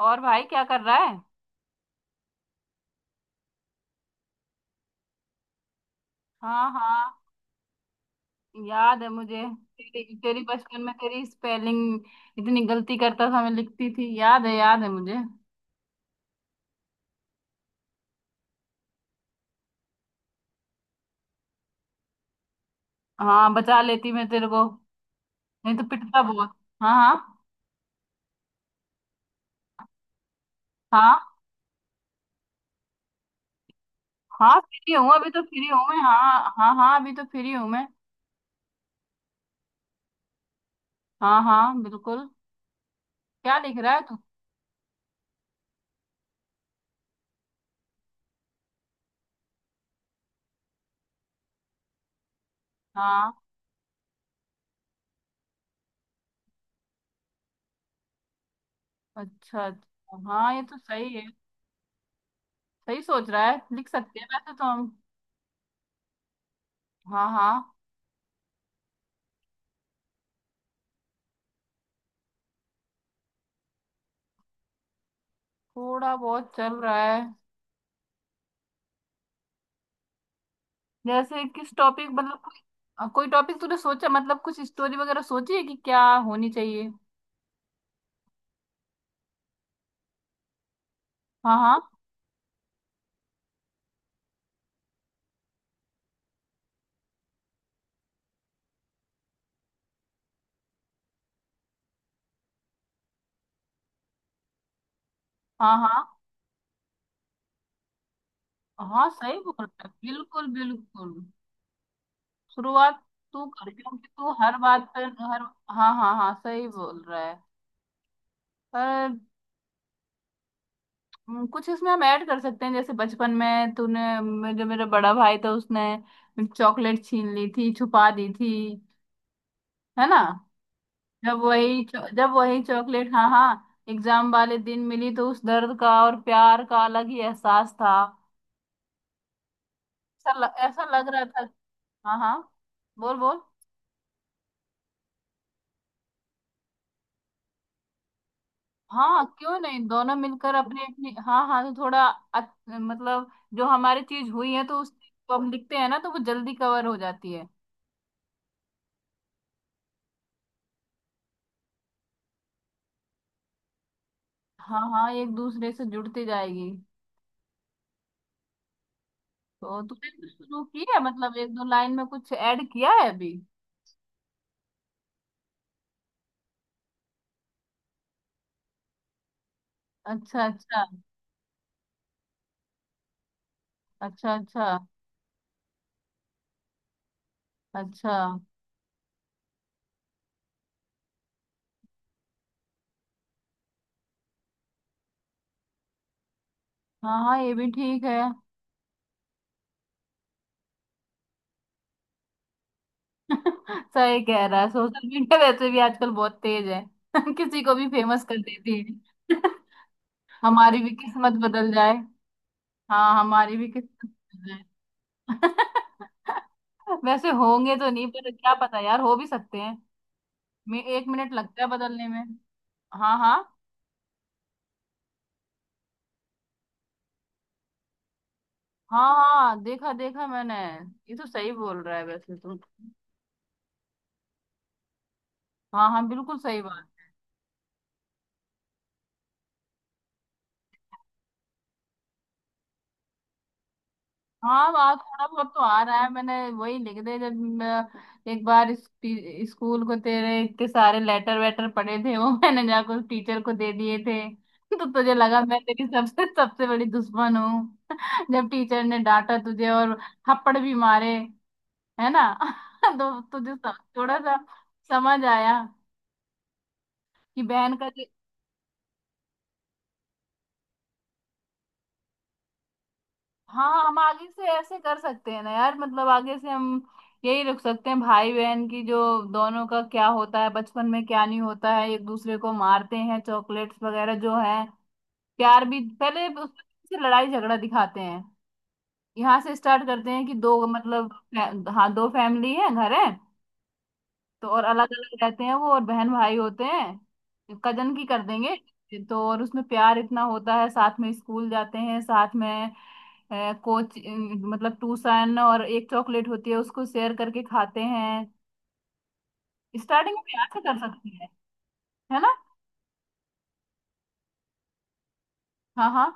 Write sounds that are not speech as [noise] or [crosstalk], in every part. और भाई क्या कर रहा है? हाँ हाँ। याद है मुझे। तेरी तेरी बचपन में तेरी स्पेलिंग इतनी गलती करता था, मैं लिखती थी। याद है, याद है मुझे। हाँ, बचा लेती मैं तेरे को। नहीं तो पिटता बहुत। हाँ हाँ। हाँ हाँ, फ्री हूँ। अभी तो फ्री हूँ मैं, हाँ हाँ हाँ, अभी तो फ्री हूँ मैं। हाँ हाँ, बिल्कुल। क्या लिख रहा है तू? हाँ। अच्छा अच्छा। हाँ, ये तो सही है। सही सोच रहा है, लिख सकते हैं वैसे तो हम। हाँ हाँ। थोड़ा बहुत चल रहा है। जैसे किस टॉपिक, मतलब कोई टॉपिक तूने सोचा? मतलब कुछ स्टोरी वगैरह सोची है कि क्या होनी चाहिए? हाँ हाँ हाँ हाँ हाँ, सही बोल रहा है, बिल्कुल बिल्कुल। शुरुआत तू कर, क्योंकि तू हर बात पर हर। हाँ हाँ हाँ, सही बोल रहा है। पर कुछ इसमें हम ऐड कर सकते हैं, जैसे बचपन में तूने जो मेरा बड़ा भाई था, उसने चॉकलेट छीन ली थी, छुपा दी थी, है ना? जब वही चॉकलेट, हाँ हाँ, एग्जाम वाले दिन मिली तो उस दर्द का और प्यार का अलग ही एहसास था। ऐसा लग रहा था। हाँ हाँ। बोल बोल। हाँ, क्यों नहीं, दोनों मिलकर अपनी अपनी। हाँ हाँ, तो थोड़ा मतलब जो हमारी चीज हुई है तो उस चीज को हम लिखते हैं ना, तो वो जल्दी कवर हो जाती है। हाँ हाँ, एक दूसरे से जुड़ती जाएगी। तो तूने कुछ शुरू की है? मतलब एक दो लाइन में कुछ ऐड किया है अभी? अच्छा अच्छा। अच्छा अच्छा। अच्छा। हाँ हाँ, ये भी ठीक है। [laughs] सही कह रहा है, सोशल मीडिया वैसे भी आजकल बहुत तेज है। [laughs] किसी को भी फेमस कर देती है। [laughs] हमारी भी किस्मत बदल जाए। हाँ, हमारी भी किस्मत बदल जाए। [laughs] वैसे होंगे तो नहीं, पर क्या पता यार, हो भी सकते हैं। मैं एक मिनट लगता है बदलने में। हाँ हाँ। हाँ हाँ, देखा देखा मैंने। ये तो सही बोल रहा है वैसे तुम। हाँ हाँ, बिल्कुल सही बात। हाँ, वहाँ थोड़ा बहुत तो आ रहा है। मैंने वही लिख दे, जब मैं एक बार स्कूल को तेरे इतने सारे लेटर वेटर पड़े थे वो, [laughs] मैंने जाकर टीचर को दे दिए थे। तो तुझे लगा मैं तेरी सबसे सबसे बड़ी दुश्मन हूँ। जब टीचर ने डांटा तुझे और थप्पड़ भी मारे, है ना? [laughs] तो तुझे थोड़ा सा समझ आया कि बहन का। हाँ, हम आगे से ऐसे कर सकते हैं ना यार, मतलब आगे से हम यही रख सकते हैं, भाई बहन की जो दोनों का क्या होता है बचपन में, क्या नहीं होता है, एक दूसरे को मारते हैं, चॉकलेट्स वगैरह जो है। प्यार भी पहले से लड़ाई झगड़ा दिखाते हैं। यहाँ से स्टार्ट करते हैं कि दो मतलब हाँ, दो फैमिली है, घर है, तो और अलग अलग रहते हैं वो, और बहन भाई होते हैं, कजन की कर देंगे। तो और उसमें प्यार इतना होता है, साथ में स्कूल जाते हैं, साथ में है कोच मतलब टूसन, और एक चॉकलेट होती है उसको शेयर करके खाते हैं। स्टार्टिंग में प्यार से कर सकती है ना? हाँ हाँ।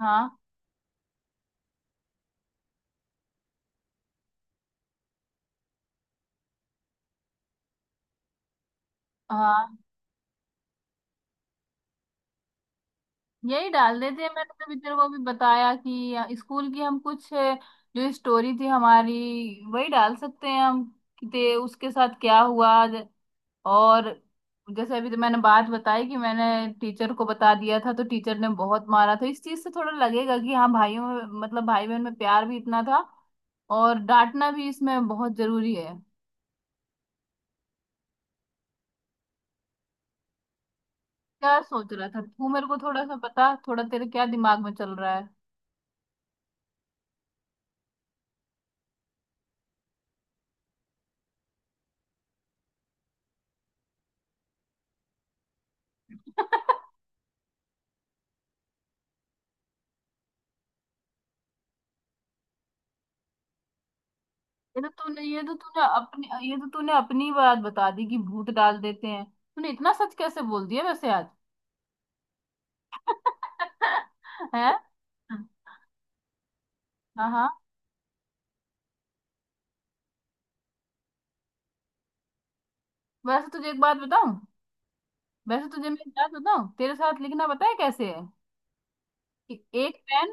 हाँ हाँ। यही डाल देते हैं, मैंने तभी तेरे को अभी बताया कि स्कूल की हम कुछ, जो स्टोरी थी हमारी, वही डाल सकते हैं हम, कि ते उसके साथ क्या हुआ। और जैसे अभी तो मैंने बात बताई कि मैंने टीचर को बता दिया था तो टीचर ने बहुत मारा था, इस चीज से थोड़ा लगेगा कि हाँ भाइयों में, मतलब भाई बहन में प्यार भी इतना था, और डांटना भी इसमें बहुत जरूरी है। क्या सोच रहा था तू? मेरे को थोड़ा सा पता, थोड़ा तेरे क्या दिमाग में चल रहा है। [laughs] ये तो तूने अपनी ही बात बता दी कि भूत डाल देते हैं। तूने इतना सच कैसे बोल दिया वैसे आज? [laughs] है। हाँ हाँ। वैसे तुझे एक बात बताऊं? वैसे तुझे मैं एक बात बताऊं, तेरे साथ लिखना पता है कैसे है? कि एक पेन,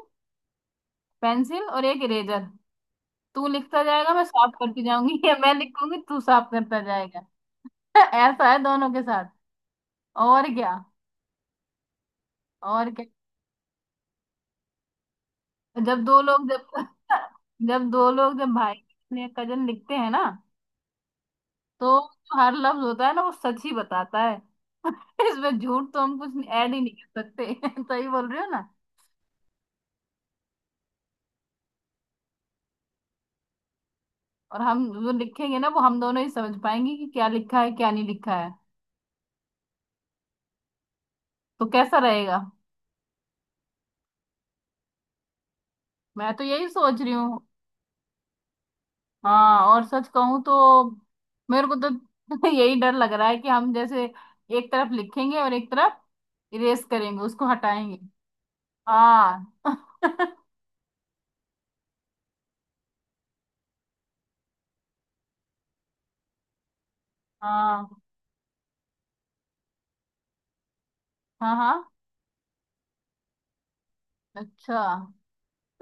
पेंसिल और एक इरेजर। तू लिखता जाएगा, मैं साफ करती जाऊंगी, [laughs] या मैं लिखूंगी तू साफ करता जाएगा। [laughs] ऐसा है दोनों के साथ। और क्या। और क्या। जब दो लोग जब [laughs] जब दो लोग, जब भाई या कजन लिखते हैं ना, तो जो हर लफ्ज होता है ना वो सच ही बताता है। [laughs] इसमें झूठ तो हम कुछ ऐड ही नहीं कर सकते। [laughs] सही बोल रही हो ना। और हम जो लिखेंगे ना वो हम दोनों ही समझ पाएंगे कि क्या लिखा है, क्या नहीं लिखा है। तो कैसा रहेगा? मैं तो यही सोच रही हूँ। हाँ, और सच कहूँ तो मेरे को तो [laughs] यही डर लग रहा है कि हम जैसे एक तरफ लिखेंगे और एक तरफ इरेज करेंगे, उसको हटाएंगे। हाँ। [laughs] हाँ हाँ। हाँ, अच्छा।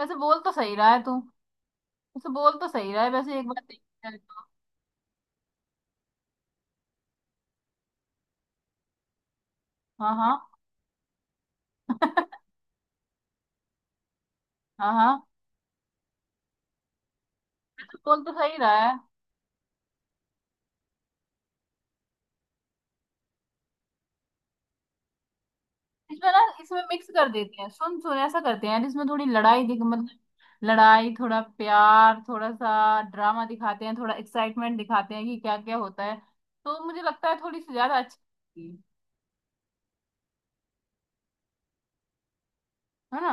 वैसे बोल तो सही रहा है तू। वैसे बोल तो सही रहा है, वैसे एक बार देखा जाए तो। हाँ हाँ। हाँ हाँ, तो बोल तो सही रहा है। इसमें ना, इसमें मिक्स कर देते हैं, सुन सुन, ऐसा करते हैं यार, इसमें थोड़ी लड़ाई दिख, मतलब लड़ाई, थोड़ा प्यार, थोड़ा सा ड्रामा दिखाते हैं, थोड़ा एक्साइटमेंट दिखाते हैं कि क्या क्या होता है। तो मुझे लगता है थोड़ी सी ज्यादा अच्छी लगेगी, है ना।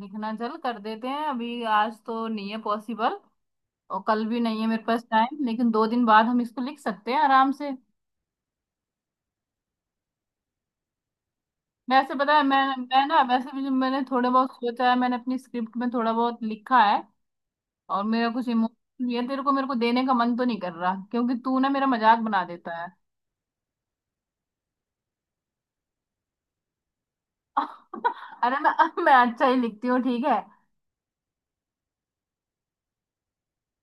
लिखना चल कर देते हैं, अभी आज तो नहीं है पॉसिबल, और कल भी नहीं है मेरे पास टाइम, लेकिन 2 दिन बाद हम इसको लिख सकते हैं आराम से। वैसे पता है मैं ना, वैसे भी जो मैंने थोड़ा बहुत सोचा है, मैंने अपनी स्क्रिप्ट में थोड़ा बहुत लिखा है, और मेरा कुछ इमोशन ये तेरे को मेरे को देने का मन तो नहीं कर रहा, क्योंकि तू ना मेरा मजाक बना देता है। [laughs] अरे मैं अच्छा ही लिखती हूँ, ठीक है।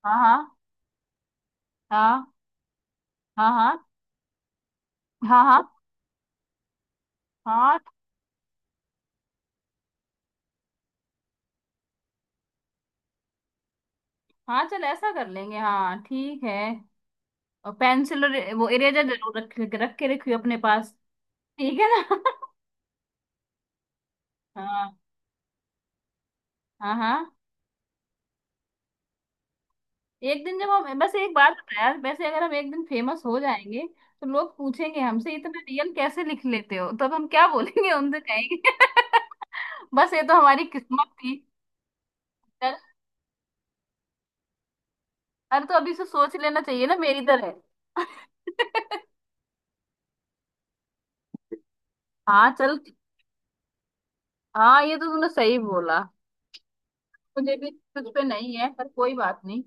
हाँ हाँ हाँ हाँ हाँ हाँ हाँ हाँ हाँ, चल ऐसा कर लेंगे, हाँ ठीक है। और पेंसिल और वो इरेजर जरूर रख, रख के रखियो अपने पास, ठीक है ना? [laughs] हाँ हाँ हाँ। एक दिन जब हम, बस एक बात बता यार, वैसे अगर हम एक दिन फेमस हो जाएंगे, तो लोग पूछेंगे हमसे इतना रियल कैसे लिख लेते हो, तब हम क्या बोलेंगे उनसे, कहेंगे [laughs] बस ये तो हमारी किस्मत थी। चल। अरे तो अभी से सोच लेना चाहिए ना, मेरी तरह। [laughs] हाँ चल। हाँ, ये तो तूने सही बोला। मुझे भी। तुझ पे नहीं है पर कोई बात नहीं।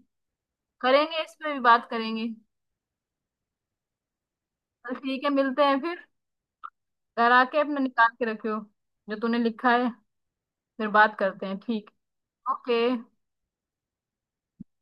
करेंगे, इस पे भी बात करेंगे। चल ठीक है, मिलते हैं फिर। घर आके अपना निकाल के रखियो जो तूने लिखा है। फिर बात करते हैं, ठीक। ओके।